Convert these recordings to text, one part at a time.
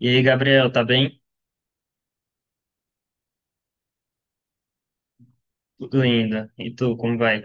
E aí, Gabriel, tá bem? Tudo ainda. E tu, como vai?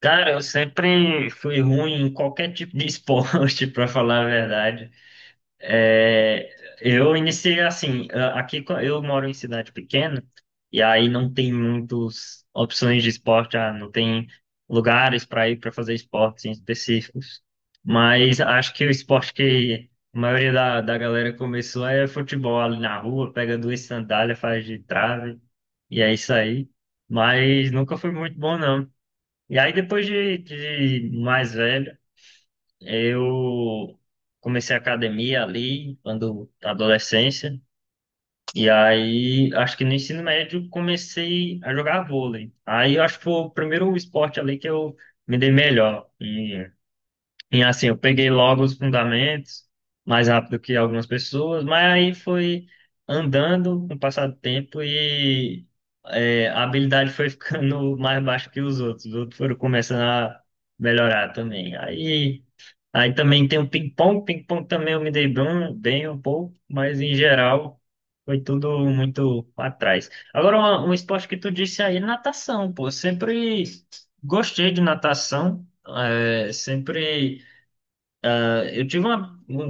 Cara, eu sempre fui ruim em qualquer tipo de esporte, pra falar a verdade. É, eu iniciei assim, aqui eu moro em cidade pequena e aí não tem muitas opções de esporte, não tem lugares para ir para fazer esportes em específicos. Mas acho que o esporte que a maioria da galera começou é futebol ali na rua, pega duas sandálias, faz de trave e é isso aí. Mas nunca foi muito bom não. E aí de mais velho eu comecei a academia ali, quando na adolescência, e aí acho que no ensino médio comecei a jogar vôlei. Aí eu acho que foi o primeiro esporte ali que eu me dei melhor. E assim, eu peguei logo os fundamentos, mais rápido que algumas pessoas, mas aí foi andando com o passar do tempo e a habilidade foi ficando mais baixa que os outros. Os outros foram começando a melhorar também. Aí. Aí também tem o ping-pong. Ping-pong também eu me dei bem um pouco, mas em geral foi tudo muito pra trás. Agora, esporte que tu disse aí, natação, pô. Sempre gostei de natação. é, sempre. Eu tive uma, um,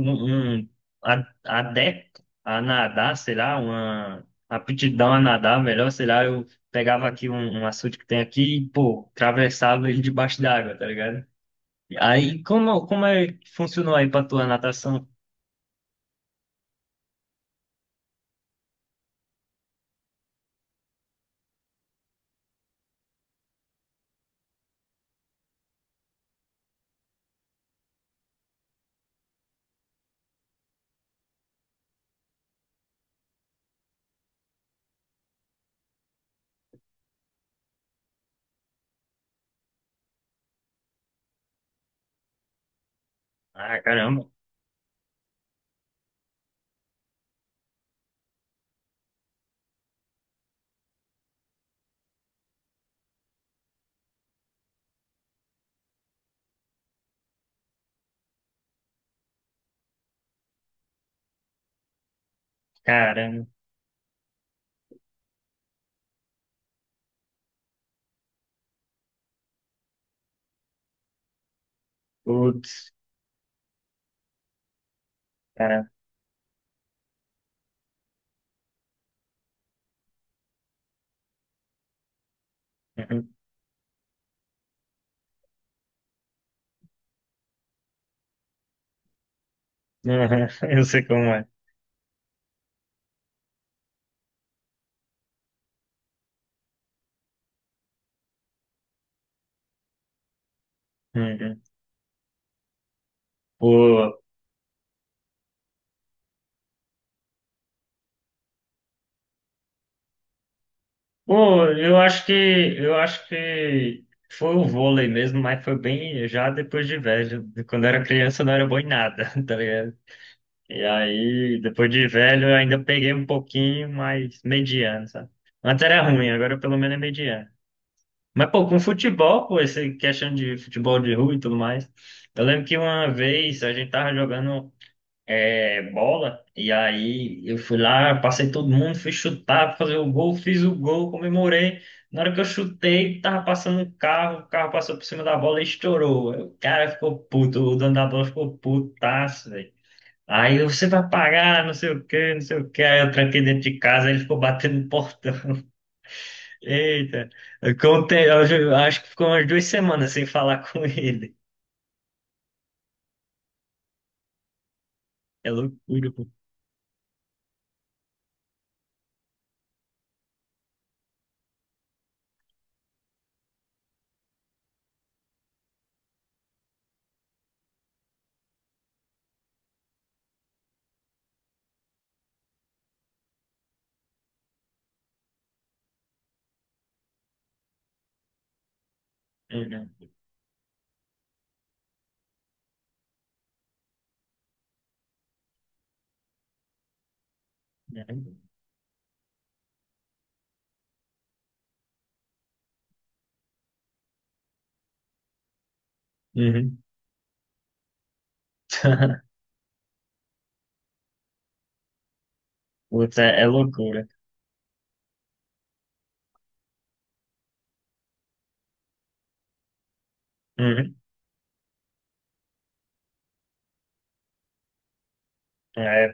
um um a- adepto a nadar, sei lá, uma aptidão a nadar, melhor, sei lá. Eu pegava aqui um açude que tem aqui e, pô, atravessava ele debaixo d'água, tá ligado? Aí, como é que funcionou aí pra tua natação? Ah, caramba. Caramba. Putz. Caramba. Uhum. Uhum. Eu sei como é. Uhum. Pô. Eu acho que foi o vôlei mesmo, mas foi bem já depois de velho. Quando eu era criança eu não era bom em nada, tá ligado? E aí, depois de velho, eu ainda peguei um pouquinho, mas mediano, sabe? Antes era ruim, agora pelo menos é mediano. Mas, pô, com futebol, pô, essa questão de futebol de rua e tudo mais. Eu lembro que uma vez a gente tava jogando bola, e aí eu fui lá, passei todo mundo, fui chutar, fazer o gol, fiz o gol, comemorei. Na hora que eu chutei, tava passando um carro, o carro passou por cima da bola e estourou. Aí o cara ficou puto, o dono da bola ficou putaço, velho. Aí eu, você vai pagar, não sei o quê, não sei o quê. Aí eu tranquei dentro de casa, aí ele ficou batendo no portão. Eita. Acho que ficou umas duas semanas sem falar com ele. É loucura, pô. É, né? É. Uhum. Puta, é loucura. Uhum. É,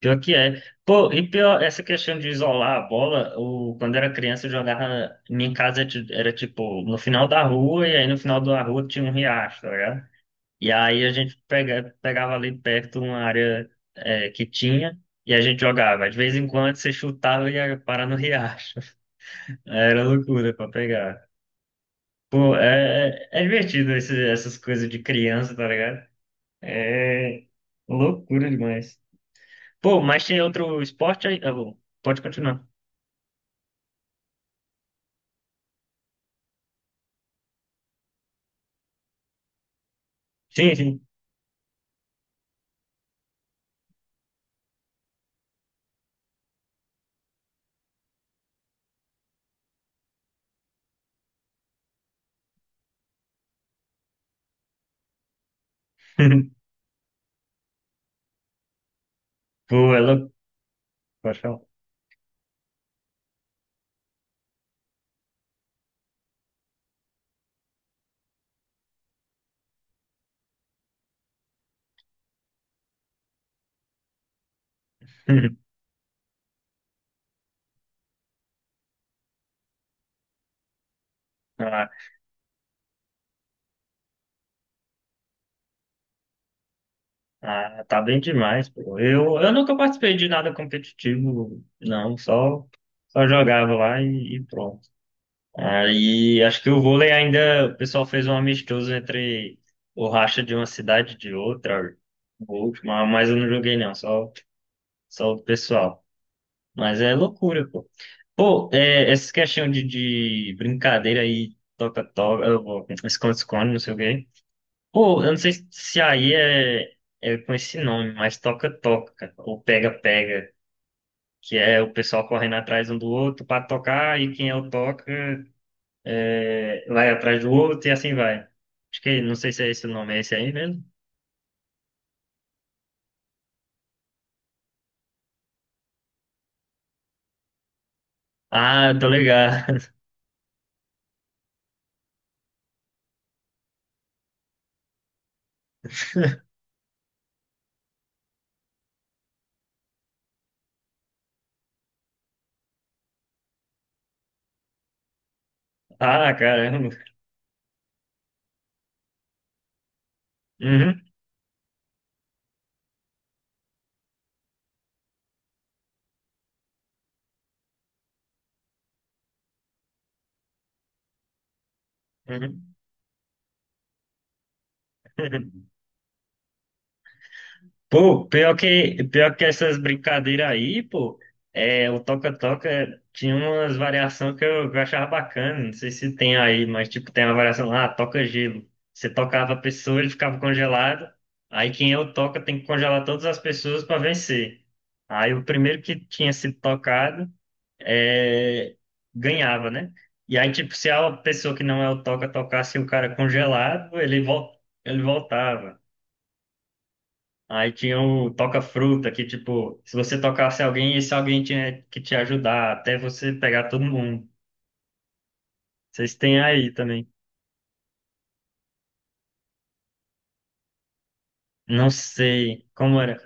pior que é. Pô, e pior, essa questão de isolar a bola, o, quando era criança eu jogava, minha casa era tipo no final da rua, e aí no final da rua tinha um riacho, tá ligado? E aí a gente pegava ali perto uma área que tinha, e a gente jogava. De vez em quando você chutava e ia parar no riacho. É, era loucura pra pegar. Pô, é é divertido essas coisas de criança, tá ligado? É loucura demais. Pô, mas tem outro esporte aí? Ah, bom, pode continuar. Sim, sim. Pô, é louco. Pode falar. Ah, ah, tá bem demais, pô. Eu nunca participei de nada competitivo, não. Só, só jogava lá e pronto. Aí acho que o vôlei ainda, o pessoal fez um amistoso entre o racha de uma cidade e de outra, o último, mas eu não joguei não, só, só o pessoal. Mas é loucura, pô. Pô, é, essa questão de brincadeira aí, toca-toca, esconde-esconde, não sei o quê. Pô, eu não sei se aí é com esse nome, mas toca-toca, cara, ou pega-pega, que é o pessoal correndo atrás um do outro pra tocar e quem é o toca vai atrás do outro e assim vai. Acho que, não sei se é esse o nome, é esse aí mesmo? Ah, tô ligado. Ah, caramba. Uhum, uhum. Pô, pior que essas brincadeiras aí, pô, o toca-toca tinha umas variações que que eu achava bacana, não sei se tem aí, mas tipo, tem uma variação lá, toca gelo. Você tocava a pessoa, ele ficava congelado, aí quem é o toca tem que congelar todas as pessoas para vencer. Aí o primeiro que tinha sido tocado é, ganhava, né? E aí, tipo, se a pessoa que não é o toca tocasse o cara congelado, ele voltava. Aí tinha o toca-fruta, que, tipo, se você tocasse alguém, esse alguém tinha que te ajudar, até você pegar todo mundo. Vocês têm aí também. Não sei como era.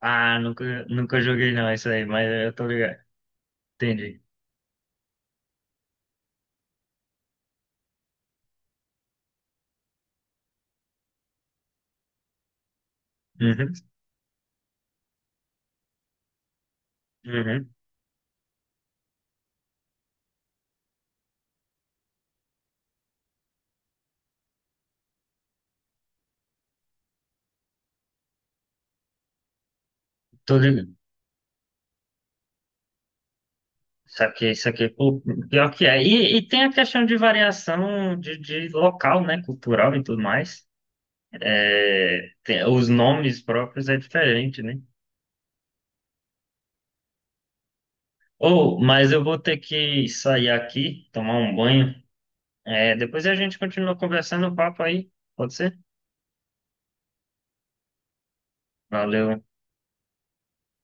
Ah, nunca joguei não, isso aí, mas eu tô ligado. Entendi. Uhum, uhum. Tô ligado. Saquei, saquei. Pô, pior que é. E tem a questão de variação de local, né? Cultural e tudo mais. É, os nomes próprios é diferente, né? Ou, mas eu vou ter que sair aqui, tomar um banho. É, depois a gente continua conversando o papo aí. Pode ser? Valeu.